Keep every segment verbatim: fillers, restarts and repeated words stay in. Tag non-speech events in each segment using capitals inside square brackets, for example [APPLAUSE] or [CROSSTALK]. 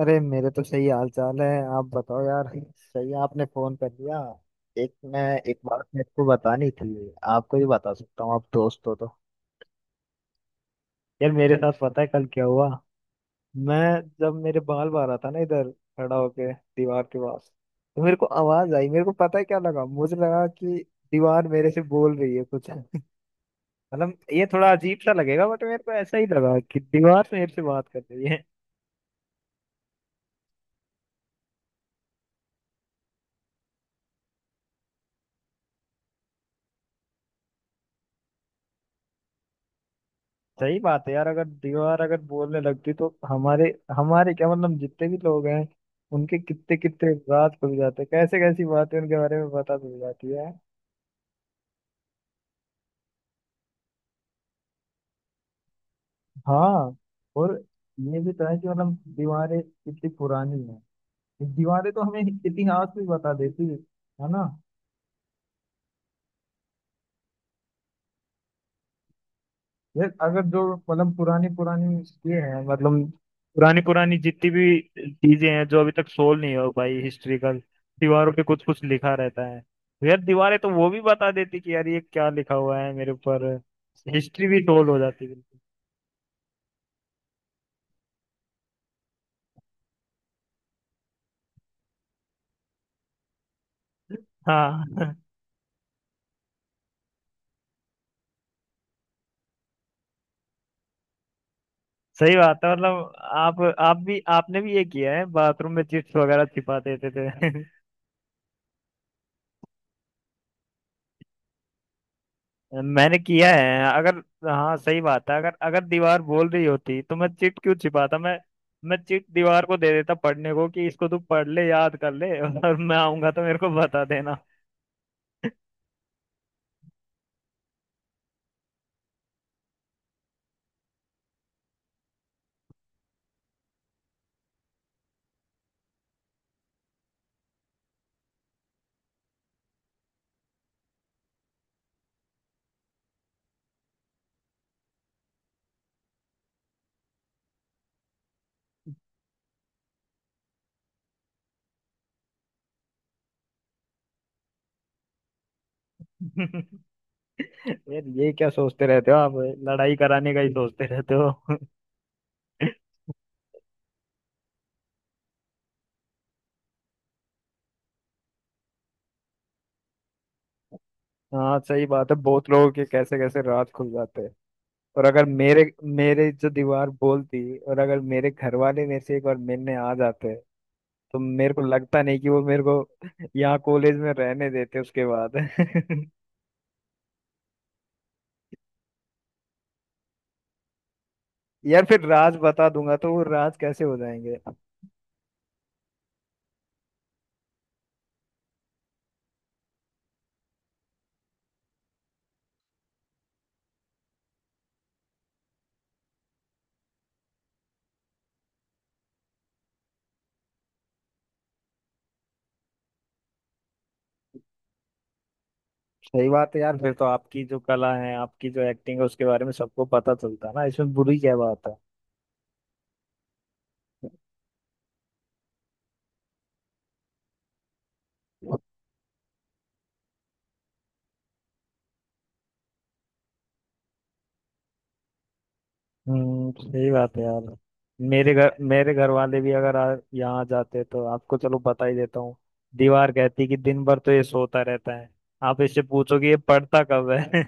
अरे मेरे तो सही हाल चाल है। आप बताओ यार। सही है आपने फोन कर लिया। एक मैं एक बात मेरे को बतानी थी आपको ही बता सकता हूँ आप दोस्त हो तो। यार मेरे साथ पता है कल क्या हुआ। मैं जब मेरे बाल बाल रहा था ना इधर खड़ा होके दीवार के पास तो मेरे को आवाज आई। मेरे को पता है क्या लगा। मुझे लगा कि दीवार मेरे से बोल रही है कुछ [LAUGHS] मतलब ये थोड़ा अजीब सा लगेगा बट मेरे को ऐसा ही लगा कि दीवार मेरे से बात कर रही है। सही बात है यार। अगर दीवार अगर बोलने लगती तो हमारे हमारे क्या मतलब जितने भी लोग हैं उनके कितने कितने राज खुल जाते। कैसे कैसी बातें उनके बारे में पता चल जाती है। हाँ। और ये भी तो है कि मतलब दीवारें कितनी पुरानी हैं। दीवारें तो हमें इतिहास भी बता देती है। है ना। यार अगर जो मतलब पुरानी पुरानी ये है मतलब पुरानी पुरानी जितनी भी चीजें हैं जो अभी तक सोल्व नहीं हो पाई हिस्ट्रिकल दीवारों पे कुछ कुछ लिखा रहता है। तो यार दीवारें तो वो भी बता देती कि यार ये क्या लिखा हुआ है मेरे ऊपर। हिस्ट्री भी सोल्व हो जाती बिल्कुल। हाँ [LAUGHS] सही बात है मतलब आप आप भी आपने भी ये किया है बाथरूम में चिप्स वगैरह छिपा देते थे [LAUGHS] मैंने किया है अगर। हाँ सही बात है। अगर अगर दीवार बोल रही होती तो मैं चिट क्यों छिपाता मैं। मैं चिट दीवार को दे देता पढ़ने को कि इसको तू पढ़ ले याद कर ले और मैं आऊंगा तो मेरे को बता देना [LAUGHS] यार ये क्या सोचते रहते हो आप। लड़ाई कराने का ही सोचते रहते हो [LAUGHS] हाँ सही बात है। बहुत लोगों के कैसे कैसे राज खुल जाते हैं। और अगर मेरे मेरे जो दीवार बोलती और अगर मेरे घर वाले मेरे से एक बार मिलने आ जाते तो मेरे को लगता नहीं कि वो मेरे को यहाँ कॉलेज में रहने देते उसके बाद [LAUGHS] यार फिर राज बता दूंगा तो वो राज कैसे हो जाएंगे। सही बात है यार। फिर तो आपकी जो कला है आपकी जो एक्टिंग है उसके बारे में सबको पता चलता है ना इसमें बुरी क्या बात है। हम्म सही बात है यार। मेरे घर मेरे घर वाले भी अगर आ, यहाँ जाते तो आपको चलो बता ही देता हूँ। दीवार कहती कि दिन भर तो ये सोता रहता है। आप इससे पूछो कि ये पढ़ता कब है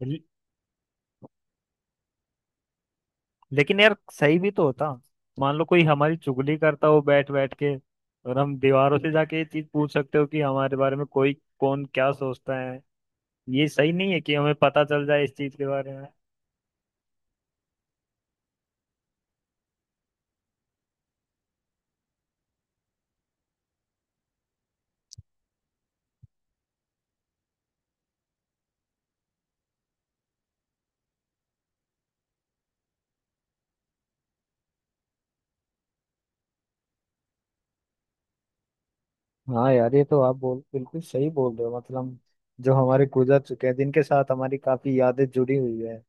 [LAUGHS] लेकिन यार सही भी तो होता। मान लो कोई हमारी चुगली करता हो बैठ बैठ के और हम दीवारों से जाके ये चीज पूछ सकते हो कि हमारे बारे में कोई कौन क्या सोचता है। ये सही नहीं है कि हमें पता चल जाए इस चीज के बारे में। हाँ यार ये तो आप बोल बिल्कुल सही बोल रहे हो। मतलब जो हमारे गुजर चुके हैं जिनके साथ हमारी काफी यादें जुड़ी हुई है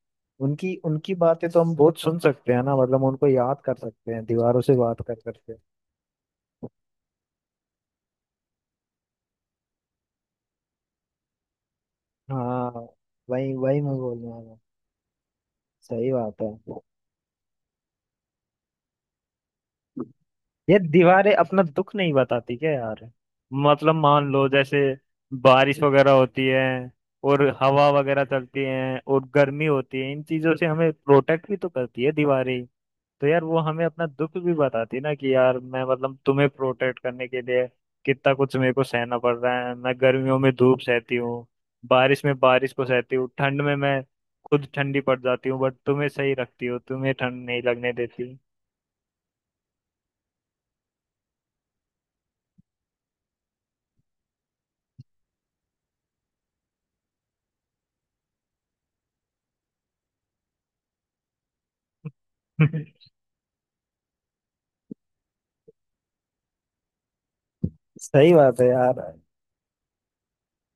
उनकी उनकी बातें तो हम बहुत सुन सकते हैं ना। मतलब उनको याद कर सकते हैं दीवारों से बात कर करके। हाँ। वही वही मैं बोल रहा हूँ। सही बात है। ये दीवारें अपना दुख नहीं बताती क्या यार। मतलब मान लो जैसे बारिश वगैरह होती है और हवा वगैरह चलती है और गर्मी होती है। इन चीजों से हमें प्रोटेक्ट भी तो करती है दीवारें। तो यार वो हमें अपना दुख भी बताती है ना कि यार मैं मतलब तुम्हें प्रोटेक्ट करने के लिए कितना कुछ मेरे को सहना पड़ रहा है। मैं गर्मियों में धूप सहती हूँ। बारिश में बारिश को सहती हूँ। ठंड में मैं खुद ठंडी पड़ जाती हूँ बट तुम्हें सही रखती हो तुम्हें ठंड नहीं लगने देती [LAUGHS] सही बात है यार।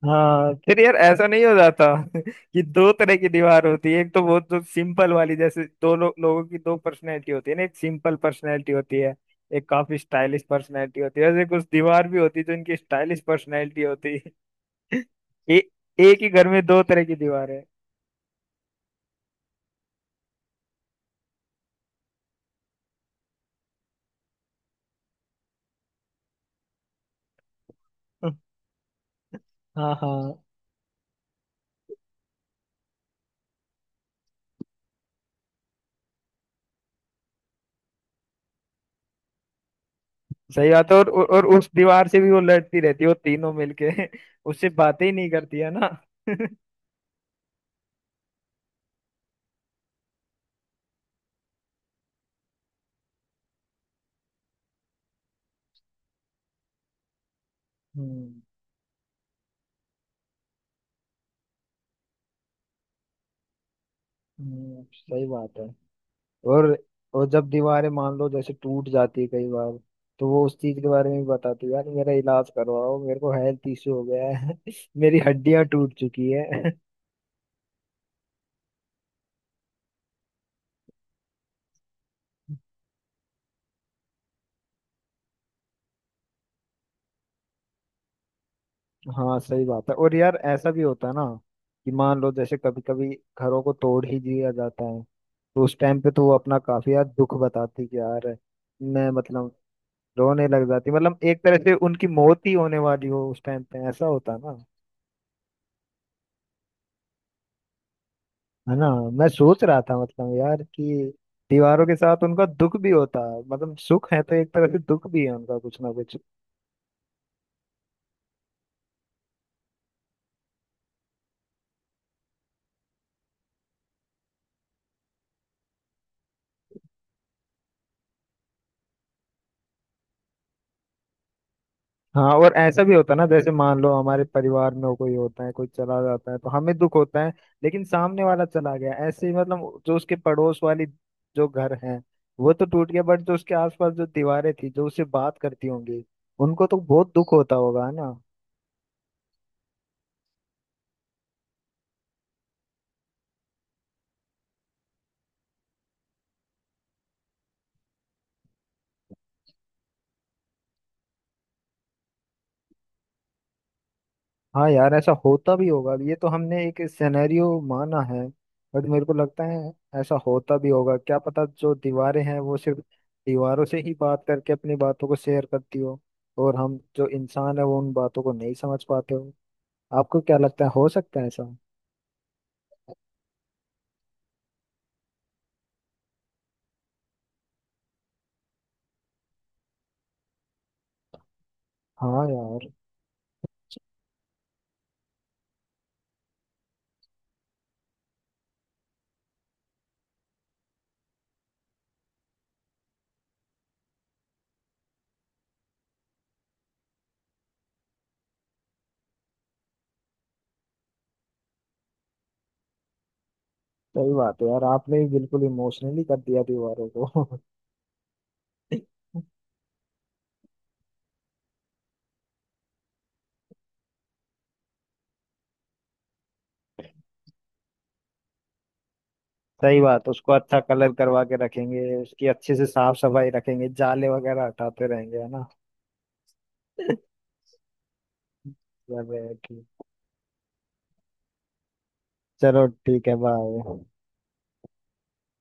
हाँ फिर यार ऐसा नहीं हो जाता [LAUGHS] कि दो तरह की दीवार होती है। एक तो बहुत जो सिंपल वाली जैसे दो लो, लोगों की दो पर्सनैलिटी होती है ना। एक सिंपल पर्सनैलिटी होती है। एक काफी स्टाइलिश पर्सनैलिटी होती है। वैसे कुछ दीवार भी होती है जो इनकी स्टाइलिश पर्सनैलिटी होती है [LAUGHS] ए, एक ही घर में दो तरह की दीवार है [LAUGHS] हाँ हाँ सही बात है। और, और और उस दीवार से भी वो लड़ती रहती है वो तीनों मिलके [LAUGHS] उससे बातें ही नहीं करती है ना [LAUGHS] हम्म। हम्म, सही बात है। और और जब दीवारें मान लो जैसे टूट जाती है कई बार तो वो उस चीज के बारे में भी बताती है। यार मेरा इलाज करवाओ मेरे को हेल्थ इश्यू हो गया है [LAUGHS] मेरी हड्डियां टूट चुकी है [LAUGHS] हाँ सही बात है। और यार ऐसा भी होता है ना कि मान लो जैसे कभी कभी घरों को तोड़ ही दिया जाता है। तो उस टाइम पे तो वो अपना काफी यार दुख बताती कि यार मैं मतलब रोने लग जाती। मतलब एक तरह से उनकी मौत ही होने वाली हो उस टाइम पे ऐसा होता है। है ना। मैं सोच रहा था मतलब यार कि दीवारों के साथ उनका दुख भी होता है। मतलब सुख है तो एक तरह से दुख भी है उनका कुछ ना कुछ। हाँ। और ऐसा भी होता है ना जैसे मान लो हमारे परिवार में कोई होता है कोई चला जाता है तो हमें दुख होता है। लेकिन सामने वाला चला गया ऐसे ही मतलब जो उसके पड़ोस वाली जो घर है वो तो टूट गया बट जो उसके आसपास जो दीवारें थी जो उससे बात करती होंगी उनको तो बहुत दुख होता होगा है ना। हाँ यार ऐसा होता भी होगा। ये तो हमने एक सिनेरियो माना है बट मेरे को लगता है ऐसा होता भी होगा। क्या पता जो दीवारें हैं वो सिर्फ दीवारों से ही बात करके अपनी बातों को शेयर करती हो और हम जो इंसान है वो उन बातों को नहीं समझ पाते हो। आपको क्या लगता है हो सकता है ऐसा। हाँ यार सही बात है यार। आपने भी बिल्कुल इमोशनली कर दिया दीवारों को [LAUGHS] सही बात। उसको अच्छा कलर करवा के रखेंगे उसकी अच्छे से साफ सफाई रखेंगे जाले वगैरह हटाते रहेंगे है ना। मतलब है कि चलो ठीक है बाय।